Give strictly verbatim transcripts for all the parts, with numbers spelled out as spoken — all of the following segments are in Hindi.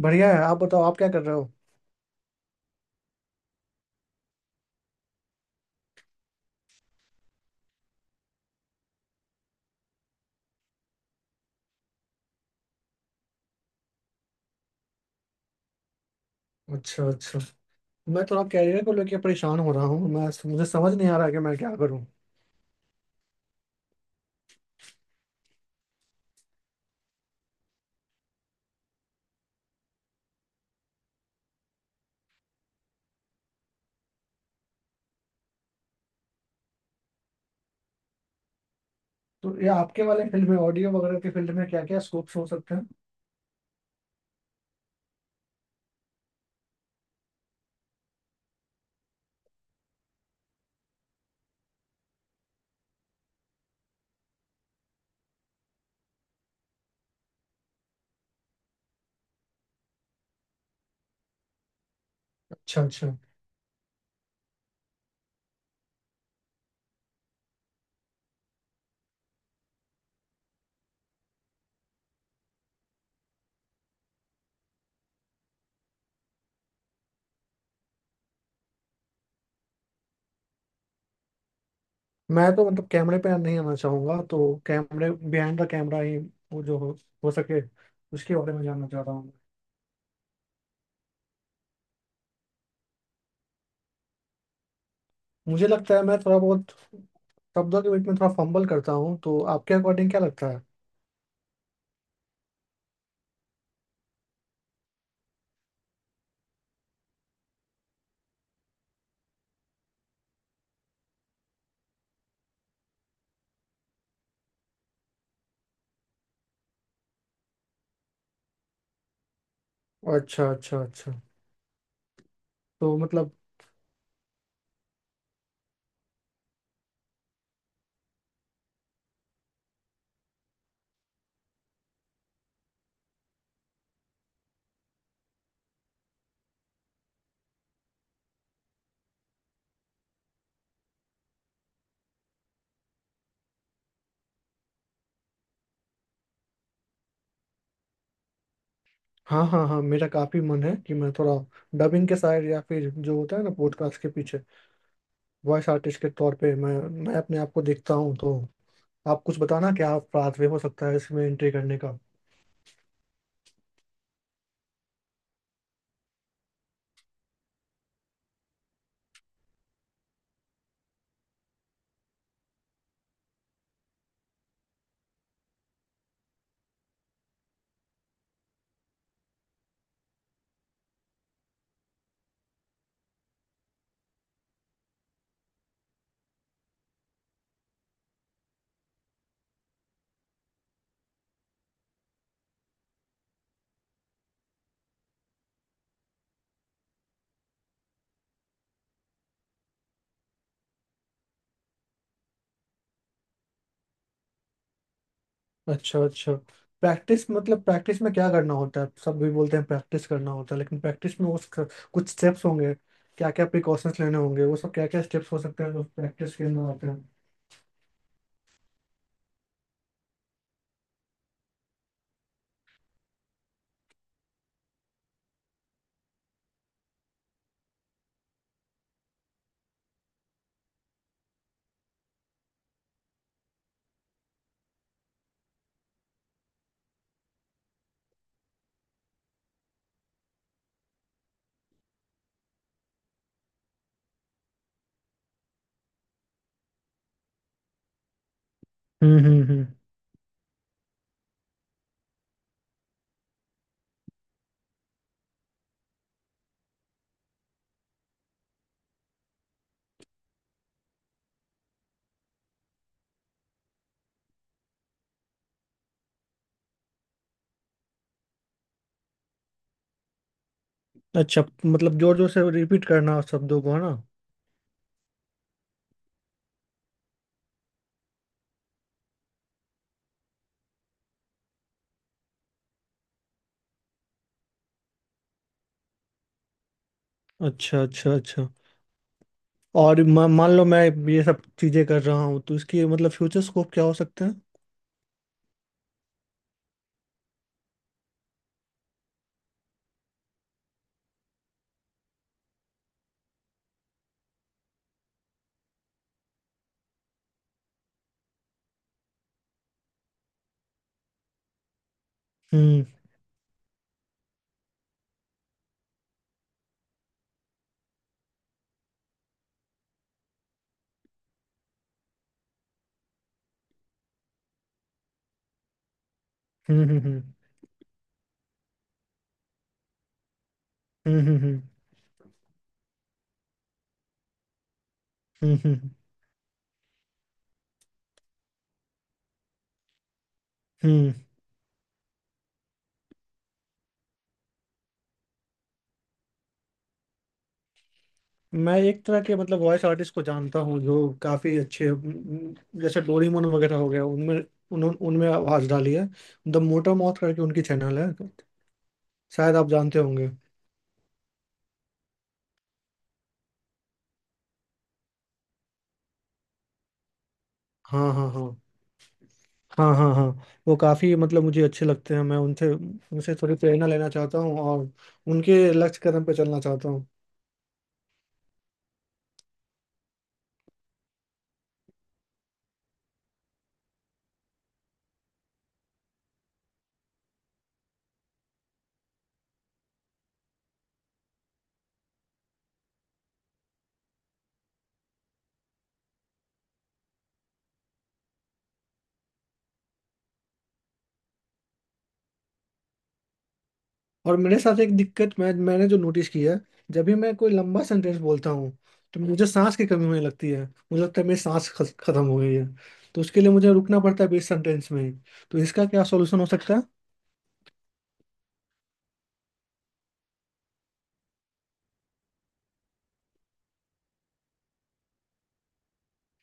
बढ़िया है। आप बताओ, आप क्या कर रहे हो? अच्छा अच्छा। मैं थोड़ा कैरियर को लेके परेशान हो रहा हूँ। मैं मुझे समझ नहीं आ रहा कि मैं क्या करूँ। तो ये आपके वाले फील्ड में, ऑडियो वगैरह के फील्ड में क्या क्या स्कोप्स हो सकते हैं? अच्छा अच्छा। मैं तो मतलब कैमरे पे नहीं आना चाहूंगा, तो कैमरे बिहाइंड द कैमरा ही वो जो हो, हो सके, उसके बारे में जानना चाह रहा हूँ। मुझे लगता है मैं थोड़ा बहुत शब्दों के बीच में थोड़ा फंबल करता हूँ। तो आपके अकॉर्डिंग क्या लगता है? अच्छा अच्छा अच्छा। तो मतलब, हाँ हाँ हाँ, मेरा काफी मन है कि मैं थोड़ा डबिंग के साइड, या फिर जो होता है ना पॉडकास्ट के पीछे वॉइस आर्टिस्ट के तौर पे, मैं मैं अपने आप को देखता हूँ। तो आप कुछ बताना, क्या पाथवे हो सकता है इसमें एंट्री करने का? अच्छा अच्छा। प्रैक्टिस मतलब प्रैक्टिस में क्या करना होता है? सब भी बोलते हैं प्रैक्टिस करना होता है, लेकिन प्रैक्टिस में उस कुछ स्टेप्स होंगे, क्या क्या प्रिकॉशंस लेने होंगे, वो सब क्या क्या स्टेप्स हो सकते हैं जो प्रैक्टिस के अंदर आते हैं? हम्म हम्म हम्म। अच्छा, मतलब जोर जोर से रिपीट करना शब्दों को, है ना? अच्छा अच्छा अच्छा। और म- मान लो मैं ये सब चीजें कर रहा हूँ, तो इसकी मतलब फ्यूचर स्कोप क्या हो सकते हैं? हम्म हम्म हम्म। हम्म हम्म हम्म। हम्म हम्म, हम्म। हम्म। मैं एक तरह के मतलब वॉइस आर्टिस्ट को जानता हूँ जो काफी अच्छे, हम्म, जैसे डोरेमोन वगैरह हो गया, उनमें उन्हों- उनमें आवाज डाली है। द मोटर मौथ करके उनकी चैनल है, शायद आप जानते होंगे। हाँ हाँ हाँ। हाँ हाँ हाँ। वो काफ़ी मतलब मुझे अच्छे लगते हैं। मैं उनसे उनसे थोड़ी प्रेरणा लेना चाहता हूँ और उनके लक्ष्य कदम पे चलना चाहता हूँ। और मेरे साथ एक दिक्कत मैं मैंने जो नोटिस की है, जब भी मैं कोई लंबा सेंटेंस बोलता हूँ तो मुझे सांस की कमी होने लगती है। मुझे लगता है मेरी सांस खस- खत्म हो गई है। तो उसके लिए मुझे रुकना पड़ता है बीच सेंटेंस में ही। तो इसका क्या सॉल्यूशन हो सकता है?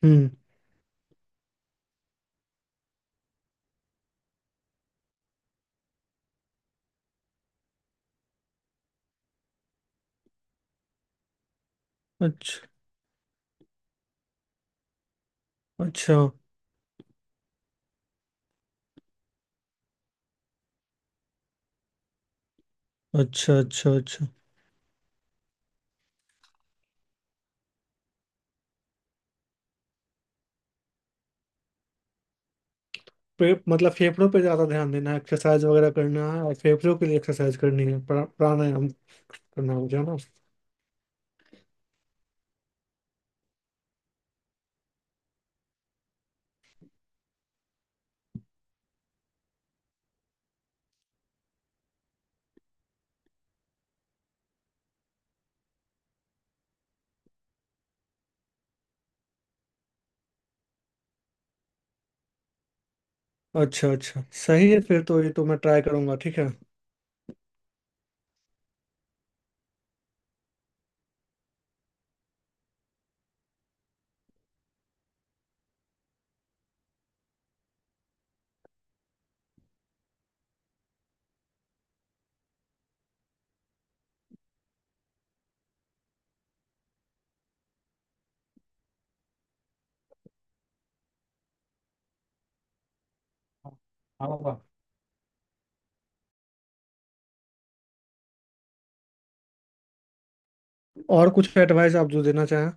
हम्म। अच्छा अच्छा अच्छा। अच्छा। अच्छा। पे, मतलब फेफड़ों पे ज़्यादा ध्यान देना है, एक्सरसाइज वगैरह करना है, और फेफड़ों के लिए एक्सरसाइज करनी है, प्रा, प्राणायाम करना हो जाना। अच्छा अच्छा, सही है फिर तो। ये तो मैं ट्राई करूंगा, ठीक है। हाँ, होगा। और कुछ एडवाइस आप जो देना चाहें?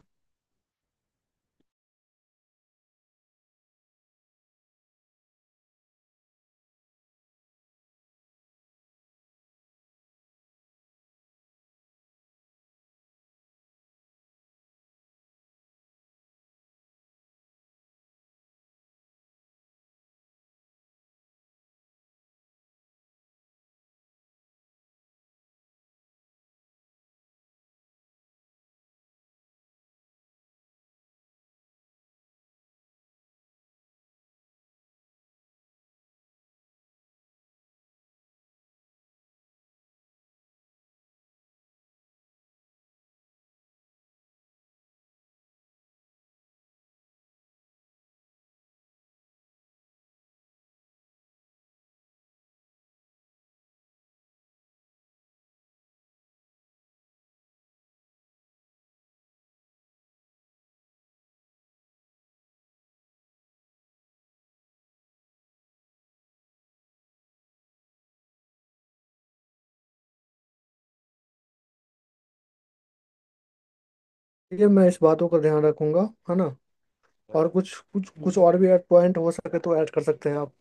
ये मैं इस बातों का ध्यान रखूंगा, है ना? और कुछ कुछ कुछ और भी ऐड पॉइंट हो सके तो ऐड कर सकते हैं आप।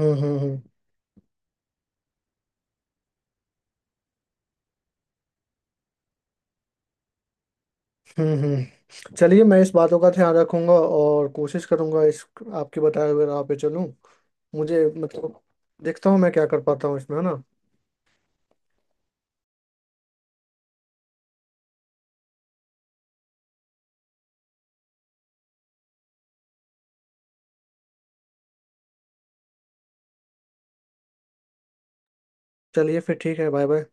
हम्म हम्म हम्म हम्म हम्म। चलिए, मैं इस बातों का ध्यान रखूंगा और कोशिश करूंगा इस आपके बताए हुए राह पे चलूं। मुझे मतलब, देखता हूँ मैं क्या कर पाता हूँ इसमें, है ना? चलिए फिर ठीक है, बाय बाय।